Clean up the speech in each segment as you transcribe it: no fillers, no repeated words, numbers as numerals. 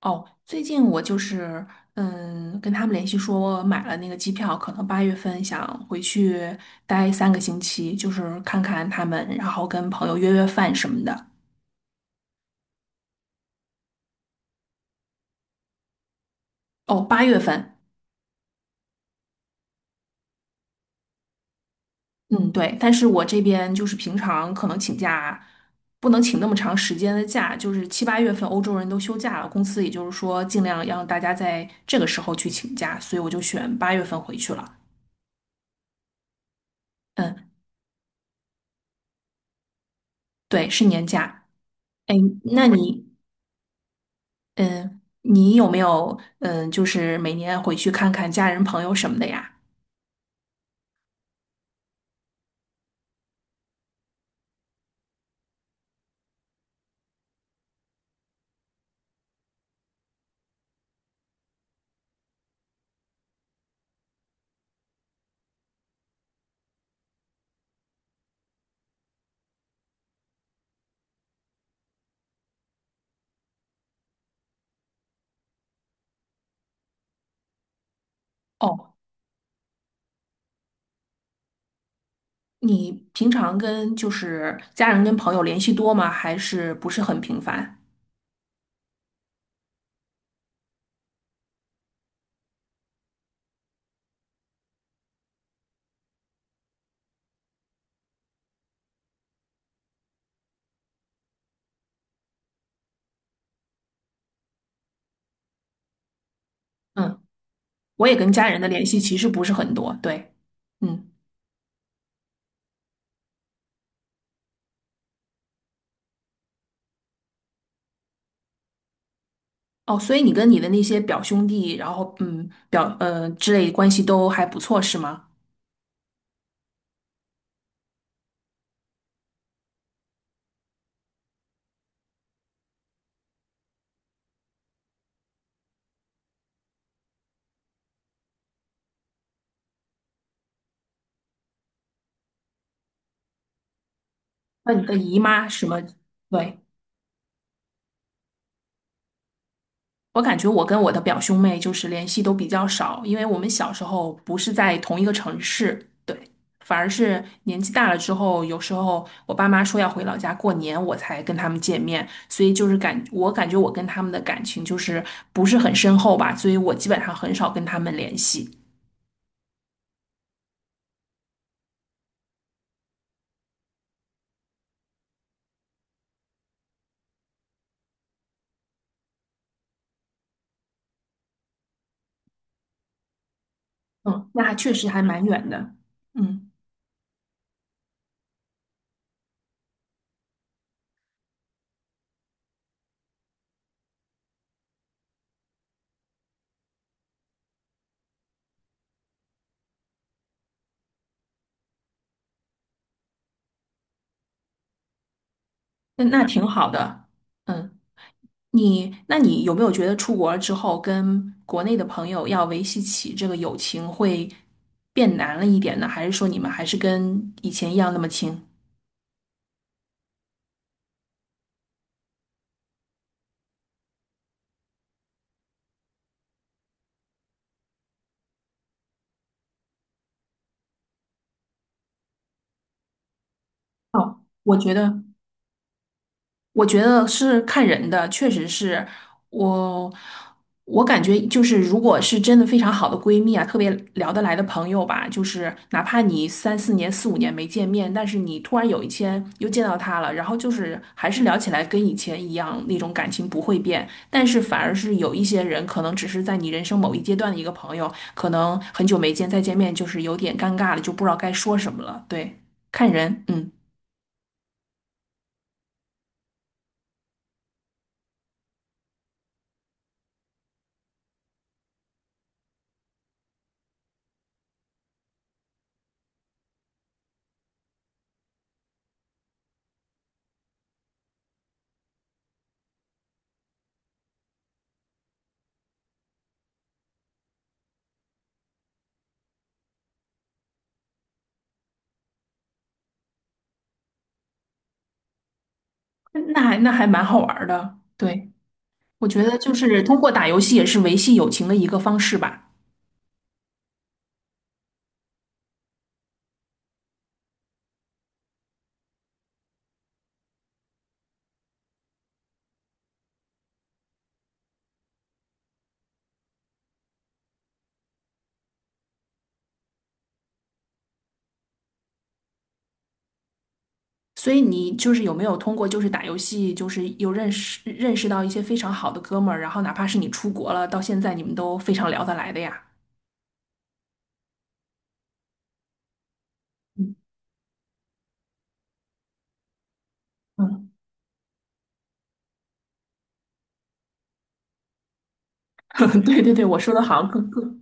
哦，最近我就是跟他们联系说，我买了那个机票，可能八月份想回去待3个星期，就是看看他们，然后跟朋友约约饭什么的。哦，八月份，嗯，对，但是我这边就是平常可能请假不能请那么长时间的假，就是七八月份欧洲人都休假了，公司也就是说尽量让大家在这个时候去请假，所以我就选八月份回去了。嗯，对，是年假。哎，那你？嗯，你有没有就是每年回去看看家人、朋友什么的呀？哦，你平常跟就是家人跟朋友联系多吗？还是不是很频繁？嗯，我也跟家人的联系其实不是很多，对，嗯，哦，所以你跟你的那些表兄弟，然后表之类关系都还不错是吗？那你的姨妈什么？对，我感觉我跟我的表兄妹就是联系都比较少，因为我们小时候不是在同一个城市，对，反而是年纪大了之后，有时候我爸妈说要回老家过年，我才跟他们见面，所以就是我感觉我跟他们的感情就是不是很深厚吧，所以我基本上很少跟他们联系。嗯，那还确实还蛮远的。嗯，那那挺好的。嗯。你，那你有没有觉得出国了之后，跟国内的朋友要维系起这个友情会变难了一点呢？还是说你们还是跟以前一样那么亲？哦，我觉得是看人的，确实是我，我感觉就是，如果是真的非常好的闺蜜啊，特别聊得来的朋友吧，就是哪怕你3、4年、4、5年没见面，但是你突然有一天又见到她了，然后就是还是聊起来跟以前一样，那种感情不会变，但是反而是有一些人可能只是在你人生某一阶段的一个朋友，可能很久没见，再见面就是有点尴尬了，就不知道该说什么了。对，看人，嗯，那还还蛮好玩儿的，对。我觉得就是通过打游戏也是维系友情的一个方式吧。所以你就是有没有通过就是打游戏，就是有认识到一些非常好的哥们儿，然后哪怕是你出国了，到现在你们都非常聊得来的呀。嗯，嗯，对对对，我说的好像更。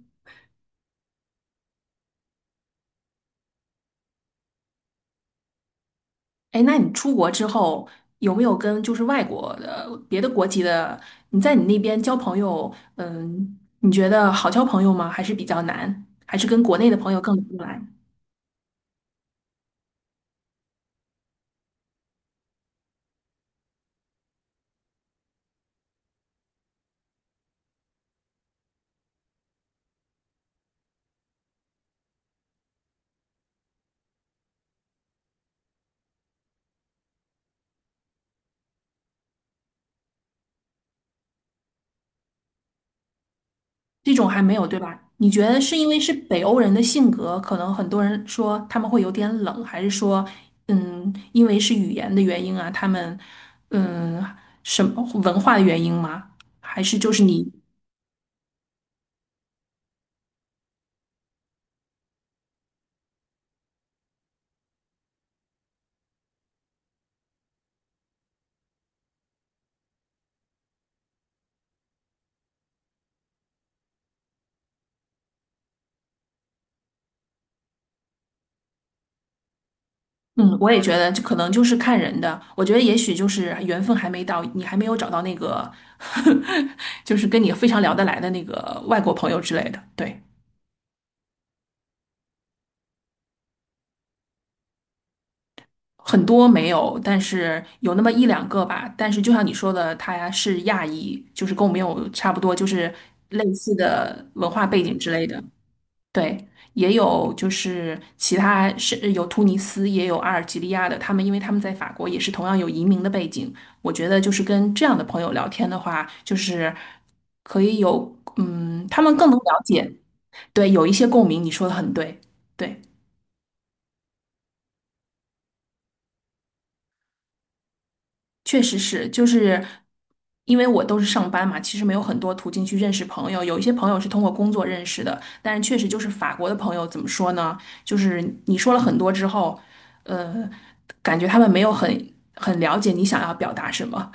哎，那你出国之后有没有跟就是外国的别的国籍的，你在你那边交朋友，嗯，你觉得好交朋友吗？还是比较难？还是跟国内的朋友更聊得来？这种还没有，对吧？你觉得是因为是北欧人的性格，可能很多人说他们会有点冷，还是说，嗯，因为是语言的原因啊，他们，嗯，什么文化的原因吗？还是就是你，嗯，我也觉得就可能就是看人的。我觉得也许就是缘分还没到，你还没有找到那个，就是跟你非常聊得来的那个外国朋友之类的。对。很多没有，但是有那么1、2个吧。但是就像你说的，他是亚裔，就是跟我们有差不多，就是类似的文化背景之类的。对，也有就是其他是有突尼斯，也有阿尔及利亚的，他们因为他们在法国也是同样有移民的背景。我觉得就是跟这样的朋友聊天的话，就是可以有，嗯，他们更能了解，对，有一些共鸣。你说的很对，对。确实是，就是因为我都是上班嘛，其实没有很多途径去认识朋友。有一些朋友是通过工作认识的，但是确实就是法国的朋友怎么说呢？就是你说了很多之后，呃，感觉他们没有很了解你想要表达什么。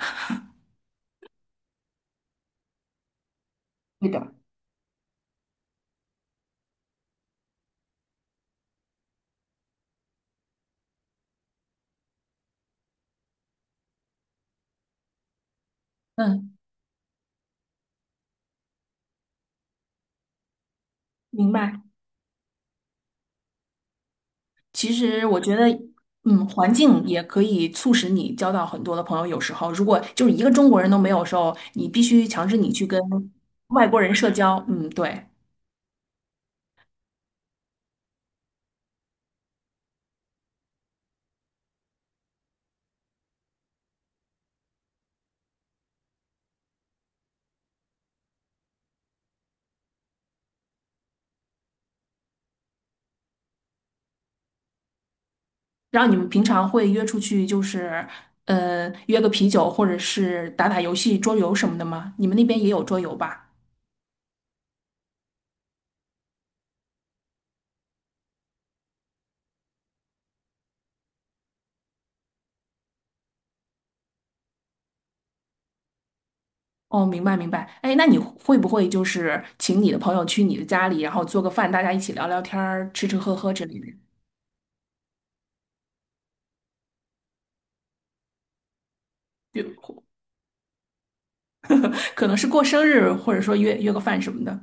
对的，嗯，明白。其实我觉得，嗯，环境也可以促使你交到很多的朋友。有时候，如果就是一个中国人都没有的时候，你必须强制你去跟外国人社交。嗯，对。然后你们平常会约出去，就是约个啤酒，或者是打打游戏、桌游什么的吗？你们那边也有桌游吧？哦，明白明白。哎，那你会不会就是请你的朋友去你的家里，然后做个饭，大家一起聊聊天儿、吃吃喝喝之类的？就可能是过生日，或者说约约个饭什么的。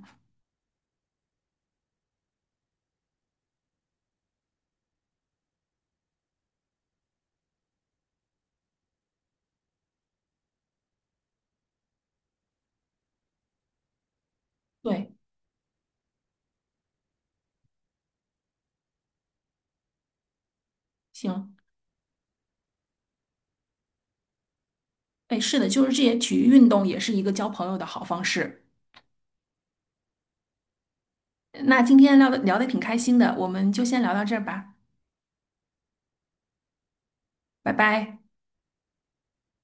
对，行，哎，是的，就是这些体育运动也是一个交朋友的好方式。那今天聊的挺开心的，我们就先聊到这儿吧，拜拜。